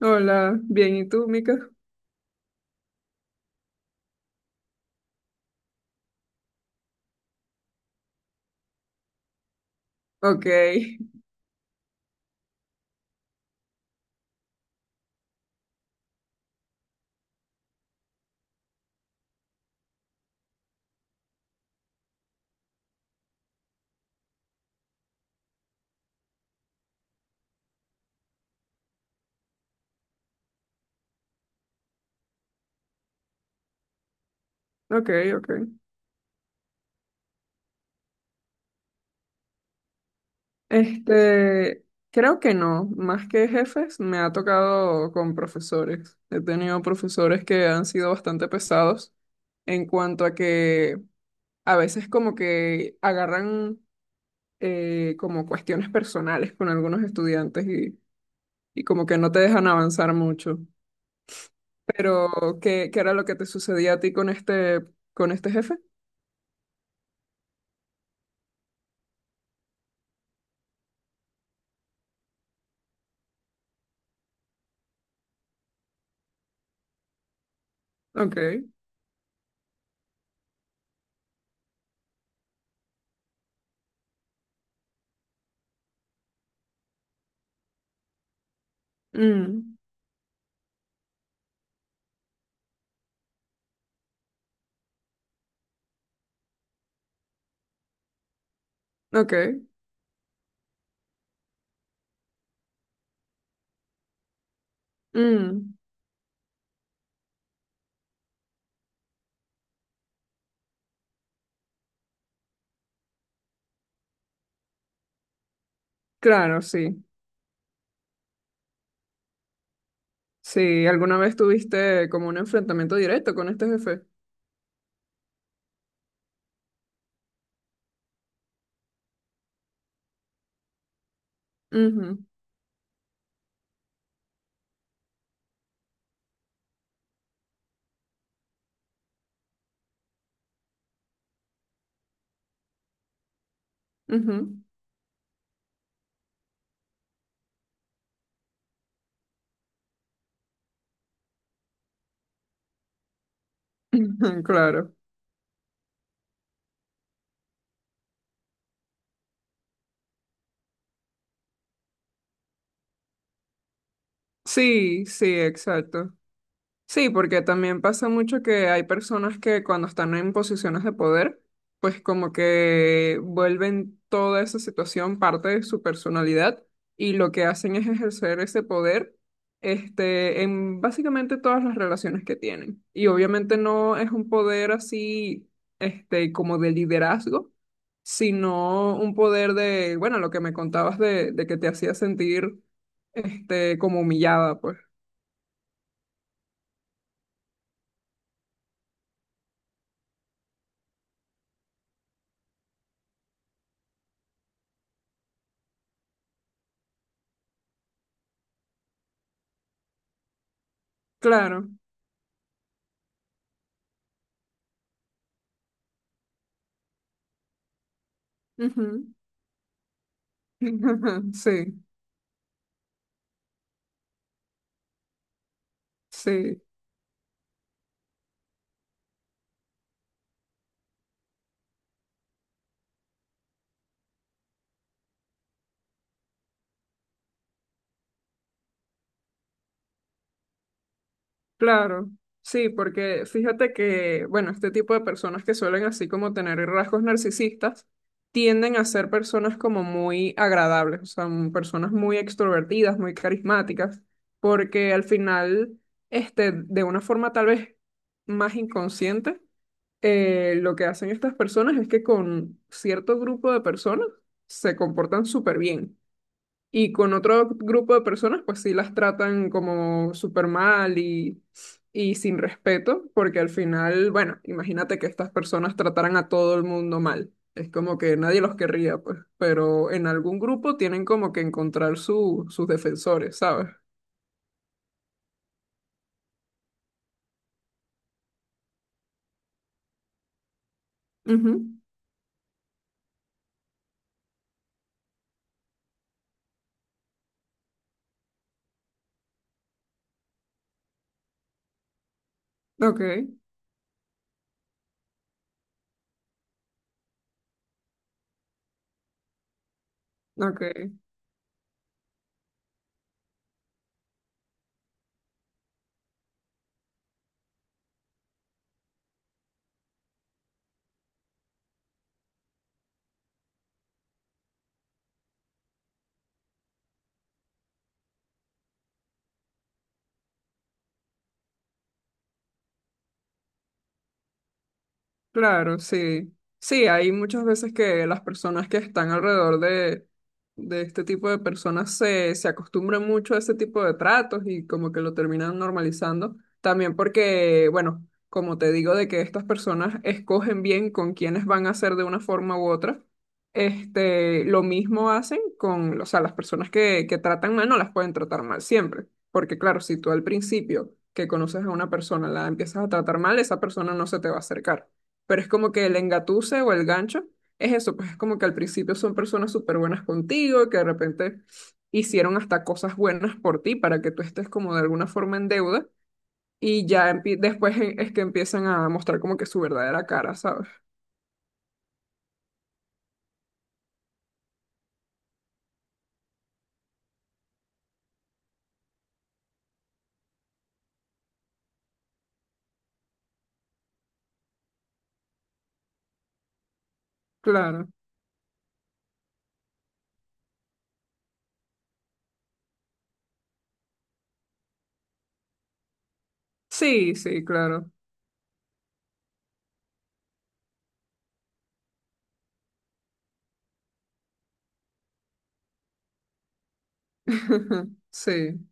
Hola, bien, ¿y tú, Mica? Ok, ok, ok. Este, creo que no, más que jefes, me ha tocado con profesores. He tenido profesores que han sido bastante pesados en cuanto a que a veces como que agarran como cuestiones personales con algunos estudiantes y como que no te dejan avanzar mucho. Pero, ¿qué era lo que te sucedía a ti con este jefe? Ok. Mm, ok. Mm, claro, sí. Sí, ¿alguna vez tuviste como un enfrentamiento directo con este jefe? Ujú, ujú. Claro. Sí, sí, exacto. Sí, porque también pasa mucho que hay personas que cuando están en posiciones de poder, pues como que vuelven toda esa situación parte de su personalidad y lo que hacen es ejercer ese poder, en básicamente todas las relaciones que tienen. Y obviamente no es un poder así, como de liderazgo, sino un poder de, bueno, lo que me contabas de que te hacía sentir, como humillada, pues. Claro. Ujú. Sí, sí, claro. Sí, porque fíjate que, bueno, este tipo de personas que suelen así como tener rasgos narcisistas tienden a ser personas como muy agradables, o sea, personas muy extrovertidas, muy carismáticas, porque al final, de una forma tal vez más inconsciente, lo que hacen estas personas es que con cierto grupo de personas se comportan súper bien. Y con otro grupo de personas, pues sí las tratan como súper mal y sin respeto, porque al final, bueno, imagínate que estas personas trataran a todo el mundo mal. Es como que nadie los querría, pues, pero en algún grupo tienen como que encontrar sus defensores, ¿sabes? Ujú. Ok, ok. Claro, sí. Sí, hay muchas veces que las personas que están alrededor de este tipo de personas se acostumbran mucho a ese tipo de tratos y como que lo terminan normalizando. También porque, bueno, como te digo, de que estas personas escogen bien con quiénes van a ser de una forma u otra. Lo mismo hacen con, o sea, las personas que tratan mal no las pueden tratar mal siempre. Porque claro, si tú al principio que conoces a una persona la empiezas a tratar mal, esa persona no se te va a acercar, pero es como que el engatuse o el gancho es eso, pues es como que al principio son personas súper buenas contigo, que de repente hicieron hasta cosas buenas por ti para que tú estés como de alguna forma en deuda y ya es que empiezan a mostrar como que su verdadera cara, ¿sabes? Claro. Sí, sí, claro. Sí.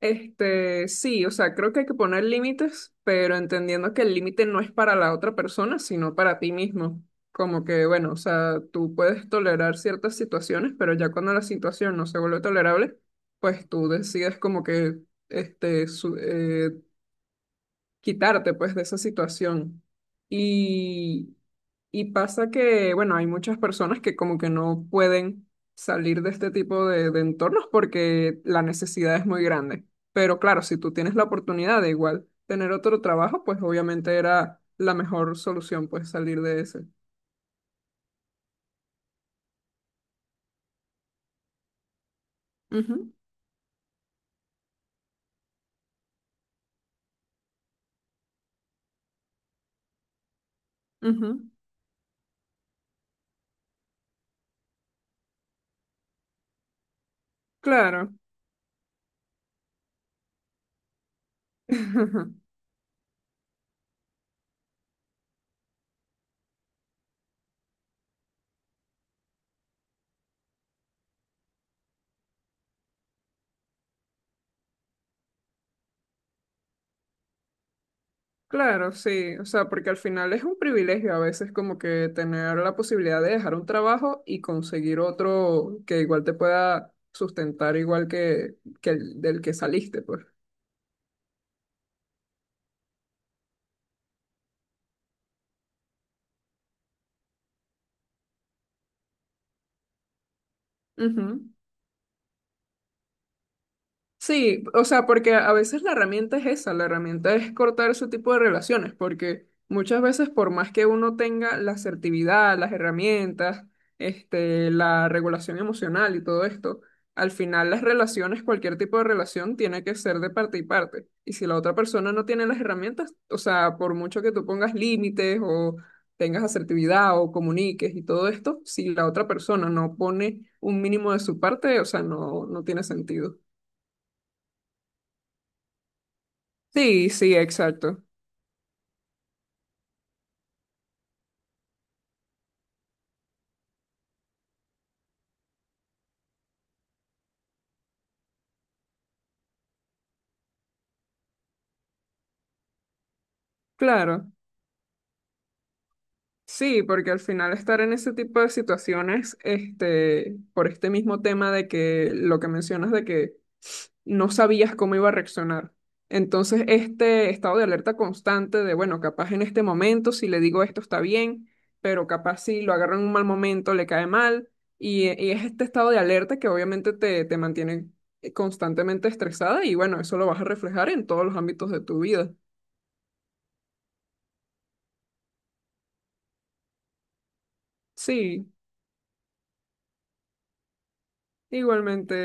Sí, o sea, creo que hay que poner límites, pero entendiendo que el límite no es para la otra persona, sino para ti mismo. Como que, bueno, o sea, tú puedes tolerar ciertas situaciones, pero ya cuando la situación no se vuelve tolerable, pues tú decides como que, este, su- eh, quitarte pues de esa situación. Y, y pasa que, bueno, hay muchas personas que como que no pueden salir de este tipo de entornos porque la necesidad es muy grande. Pero claro, si tú tienes la oportunidad de igual tener otro trabajo, pues obviamente era la mejor solución, pues salir de ese. Ujú, ujú. Claro. Claro, sí, o sea, porque al final es un privilegio a veces como que tener la posibilidad de dejar un trabajo y conseguir otro que igual te pueda sustentar igual que el del que saliste, pues. Ujú. Sí, o sea, porque a veces la herramienta es esa, la herramienta es cortar ese tipo de relaciones, porque muchas veces por más que uno tenga la asertividad, las herramientas, la regulación emocional y todo esto, al final las relaciones, cualquier tipo de relación tiene que ser de parte y parte. Y si la otra persona no tiene las herramientas, o sea, por mucho que tú pongas límites o tengas asertividad o comuniques y todo esto, si la otra persona no pone un mínimo de su parte, o sea, no, no tiene sentido. Sí, sí, exacto. Claro. Sí, porque al final estar en ese tipo de situaciones, por este mismo tema de que lo que mencionas de que no sabías cómo iba a reaccionar. Entonces, este estado de alerta constante de, bueno, capaz en este momento si le digo esto está bien, pero capaz si lo agarro en un mal momento le cae mal. Y es este estado de alerta que obviamente te mantiene constantemente estresada y bueno, eso lo vas a reflejar en todos los ámbitos de tu vida. Sí. Igualmente.